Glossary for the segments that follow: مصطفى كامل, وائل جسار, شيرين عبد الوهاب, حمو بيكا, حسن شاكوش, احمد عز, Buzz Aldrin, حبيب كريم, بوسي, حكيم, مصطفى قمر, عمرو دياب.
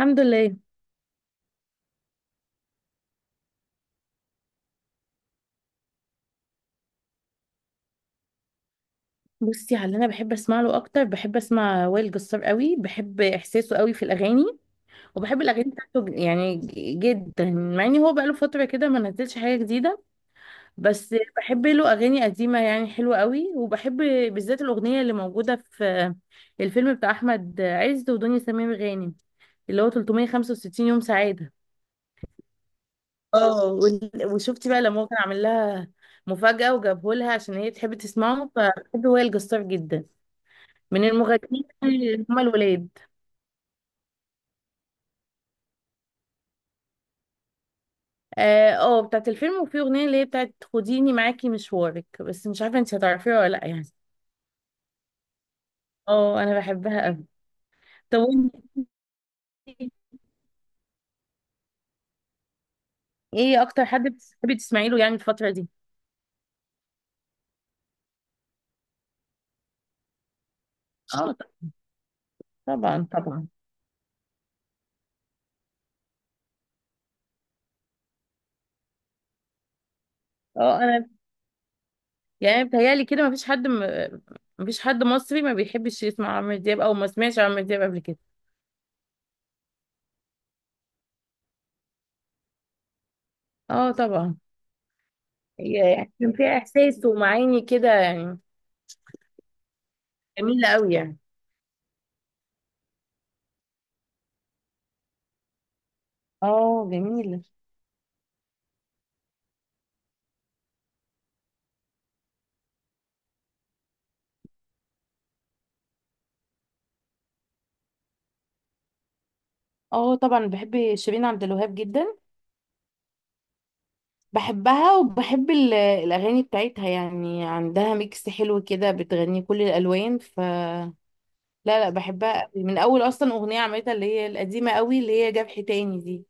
الحمد لله. بصي، على اللي انا بحب اسمع له اكتر بحب اسمع وائل جسار قوي، بحب احساسه قوي في الاغاني. وبحب الاغاني بتاعته يعني جدا، مع ان هو بقاله فتره كده ما نزلش حاجه جديده. بس بحب له اغاني قديمه يعني حلوه قوي، وبحب بالذات الاغنيه اللي موجوده في الفيلم بتاع احمد عز ودنيا سمير غانم، اللي هو 365 يوم سعاده. اه، وشفتي بقى لما هو كان عامل لها مفاجاه وجابه لها عشان هي تحب تسمعه، فبحب وائل جسار جدا. من المغنيين اللي هما الولاد. اه، بتاعت الفيلم، وفي اغنيه اللي هي بتاعت خديني معاكي مشوارك، بس مش عارفه انت هتعرفيها ولا لا يعني. اه انا بحبها قوي. طب وانت، ايه اكتر حد بتحبي تسمعي له يعني الفتره دي؟ اه، طبعا طبعا. اه انا يعني بتهيألي كده مفيش حد مصري ما بيحبش يسمع عمرو دياب او ما سمعش عمرو دياب قبل كده. اه طبعا. هي يعني كان فيها احساس ومعاني كده يعني، جميله قوي يعني. اه جميله. اه طبعا بحب شيرين عبد الوهاب جدا، بحبها وبحب الاغاني بتاعتها، يعني عندها ميكس حلو كده، بتغني كل الالوان ف... لا لا، بحبها قوي من اول اصلا اغنيه عملتها، اللي هي القديمه قوي اللي هي جبح تاني دي.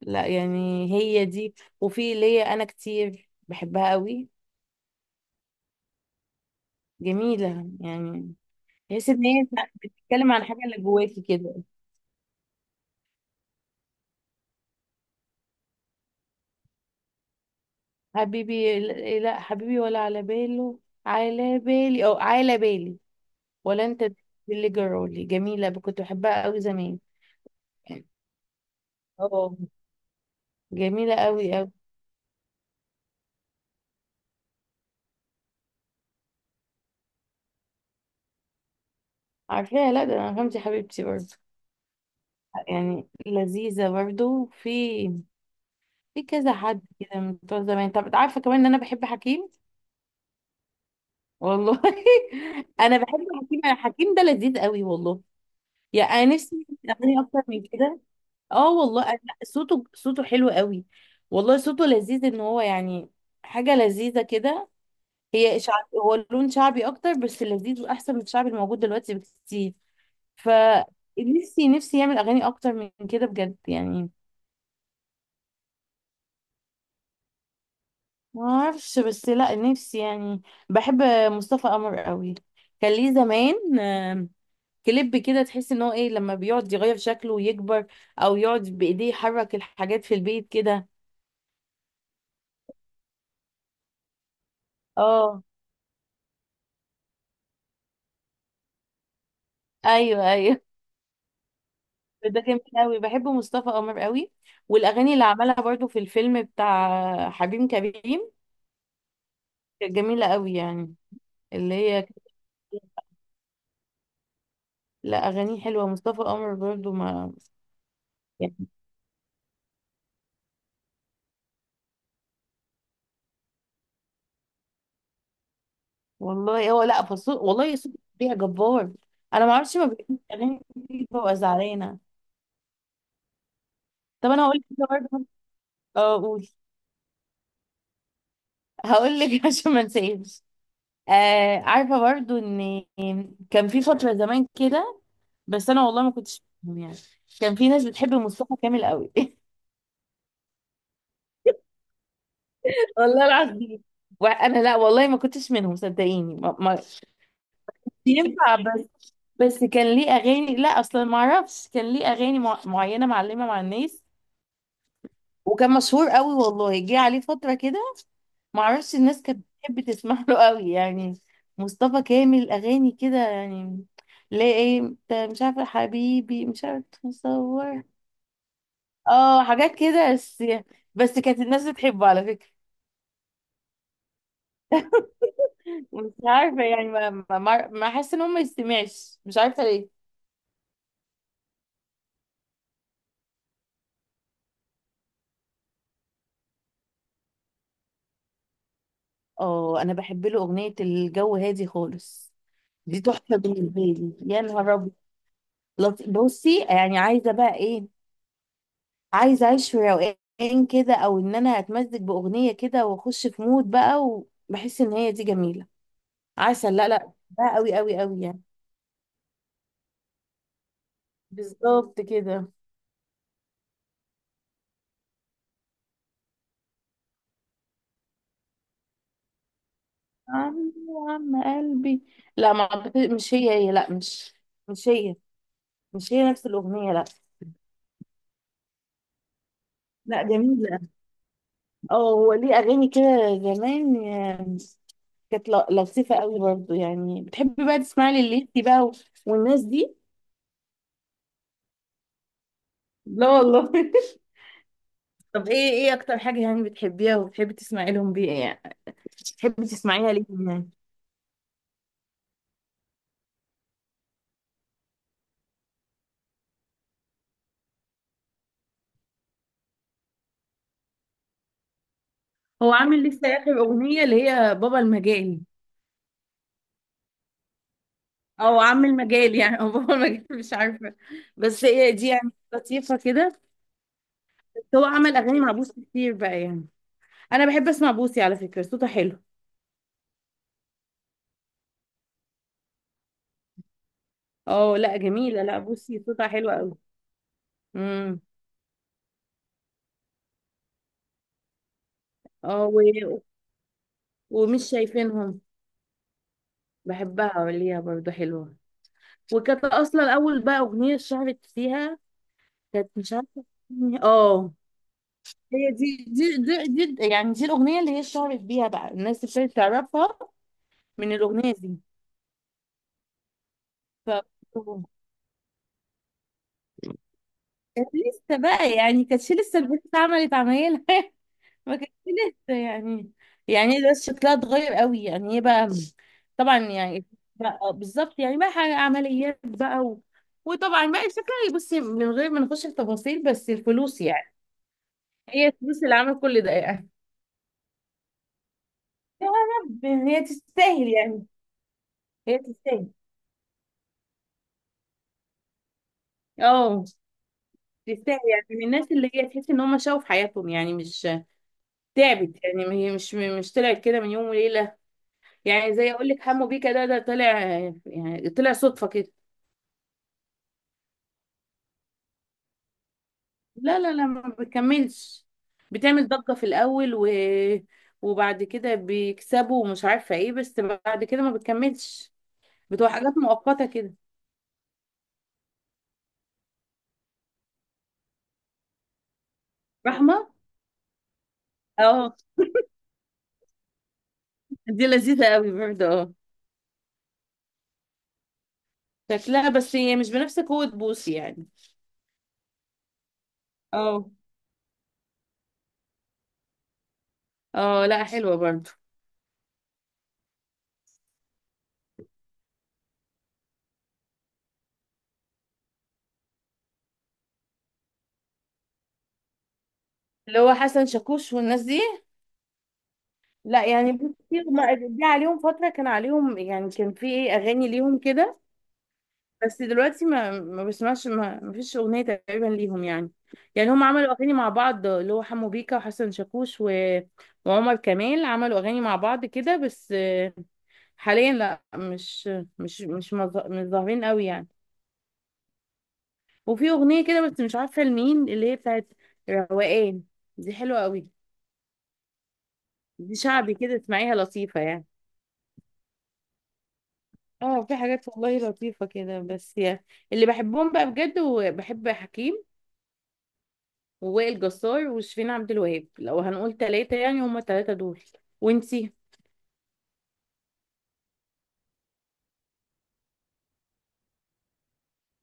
لا يعني هي دي. وفي اللي هي انا كتير بحبها قوي، جميله يعني. تحس ان هي بتتكلم عن حاجه اللي جواكي كده. حبيبي، لا حبيبي، ولا على باله، على بالي او على بالي، ولا انت، اللي جرالي، جميلة، كنت بحبها قوي زمان. اه جميلة قوي قوي. عارفاها، لا ده انا غمزة حبيبتي برضه، يعني لذيذة برضه. في كذا حد كده من بتوع زمان. طب عارفة كمان ان انا بحب حكيم؟ والله، انا بحب حكيم، أنا حكيم ده لذيذ قوي والله. يعني انا نفسي اغنية اكتر من كده. اه والله، لا، صوته حلو قوي، والله صوته لذيذ، ان هو يعني حاجة لذيذة كده. هي شعب، هو لون شعبي اكتر، بس لذيذ واحسن من الشعبي الموجود دلوقتي بكتير. فنفسي نفسي نفسي يعمل اغاني اكتر من كده بجد يعني. ما اعرفش، بس لا نفسي يعني. بحب مصطفى قمر قوي. كان ليه زمان كليب كده، تحس ان هو ايه لما بيقعد يغير شكله ويكبر، او يقعد بايديه يحرك الحاجات في البيت كده. اه ايوه ايوه. ده جميل قوي، بحب مصطفى قمر قوي. والاغاني اللي عملها برضو في الفيلم بتاع حبيب كريم كانت جميلة قوي يعني. اللي هي كانت- لا أغانيه حلوة، مصطفى قمر برضو ما... يعني والله هو، لا فصول والله، صوت بيها جبار. أنا ما اعرفش، ما بيحبش أغاني دي، ببقى زعلانة. طب أنا هقول لك حاجة برضو. اه قولي، هقول لك عشان ما انساهمش. آه، عارفة برضو إن كان في فترة زمان كده، بس أنا والله ما كنتش فاهم يعني. كان في ناس بتحب مصطفى كامل قوي. والله العظيم. وأنا لا والله ما كنتش منهم، صدقيني، ما ينفع. بس كان ليه اغاني، لا اصلا ما اعرفش، كان ليه اغاني معينه معلمه مع الناس. وكان مشهور قوي، والله جه عليه فتره كده، ما اعرفش، الناس كانت بتحب تسمع له قوي يعني، مصطفى كامل، اغاني كده يعني. لا ايه، انت مش عارفه حبيبي، مش عارفه تصور. اه حاجات كده بس. بس كانت الناس بتحبه على فكره. مش عارفه يعني، ما حاسه ان هو ما يستمعش، مش عارفه ليه. اه انا بحب له اغنيه الجو هادي خالص. دي تحفة بالنسبة لي، يا نهار أبيض. بصي، يعني عايزة بقى إيه؟ عايزة أعيش في روقان كده، أو إن أنا أتمزج بأغنية كده وأخش في مود بقى، وبحس إن هي دي جميلة. عسل، لا لا بقى، أوي أوي أوي يعني. بالظبط كده. عم عم قلبي. لا ما مش هي، لا، مش هي، مش هي نفس الأغنية، لا. لا جميلة. اه هو ليه أغاني كده زمان، كانت لطيفة قوي برضو. يعني بتحبي بقى تسمعي لليسي بقى والناس دي؟ لا والله. طب ايه اكتر حاجة يعني بتحبيها وبتحبي تسمعي لهم بيها يعني، بتحبي تسمعيها ليه يعني؟ هو عامل لسه اخر اغنية اللي هي بابا المجال، او عامل مجال يعني، او بابا المجال مش عارفة. بس هي دي يعني لطيفة كده. بس هو عمل اغاني مع بوسي كتير بقى يعني. انا بحب اسمع بوسي، على فكرة صوتها حلو. اه لا جميلة، لا بوسي صوتها حلو قوي. امم. اه ومش شايفينهم، بحبها ليها برضه حلوة. وكانت أصلا أول بقى أغنية اشتهرت فيها كانت، مش عارفة. اه هي دي يعني دي الأغنية اللي هي اشتهرت بيها بقى، الناس ابتدت تعرفها من الأغنية دي. ف كانت لسه بقى، يعني كانت لسه البنت عملت عمايلها، ما كانش لسه يعني. يعني ده شكلها اتغير قوي يعني، ايه بقى؟ طبعا يعني، بقى بالظبط يعني، بقى حاجة عمليات بقى وطبعا بقى شكلها، بصي من غير ما نخش في تفاصيل، بس الفلوس يعني. هي الفلوس اللي عملت كل ده يعني. يا رب هي تستاهل يعني، هي تستاهل. اه تستاهل يعني، من الناس اللي هي تحس ان هم شافوا في حياتهم يعني، مش تعبت يعني، هي مش طلعت كده من يوم وليلة. يعني زي اقول لك، حمو بيكا ده طلع، يعني طلع صدفة كده. لا لا لا، ما بتكملش، بتعمل ضجة في الأول وبعد كده بيكسبوا ومش عارفة ايه، بس بعد كده ما بتكملش، بتبقى حاجات مؤقتة كده. فاهمة؟ اه دي لذيذة قوي برضه. اه شكلها، بس هي مش بنفس قوة بوسي يعني. اه اه لا، حلوة برضه. اللي هو حسن شاكوش والناس دي. لا يعني بصي، هما جه عليهم فترة كان عليهم يعني، كان في ايه أغاني ليهم كده، بس دلوقتي ما بسمعش، ما فيش اغنيه تقريبا ليهم يعني. يعني هم عملوا اغاني مع بعض، اللي هو حمو بيكا وحسن شاكوش وعمر كمال، عملوا اغاني مع بعض كده، بس حاليا لا، مش ظاهرين قوي يعني. وفي اغنيه كده، بس مش عارفه لمين، اللي هي بتاعت روقان، دي حلوه قوي. دي شعبي كده، اسمعيها لطيفه يعني. اه في حاجات والله لطيفه كده، بس يعني. اللي بحبهم بقى بجد، وبحب حكيم ووائل جسار وشيرين عبد الوهاب، لو هنقول ثلاثة يعني، هما الثلاثة دول. وانتي؟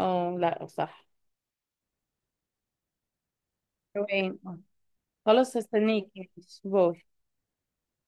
اه لا صح. روقان. خلاص هستناكي ماشي. باي.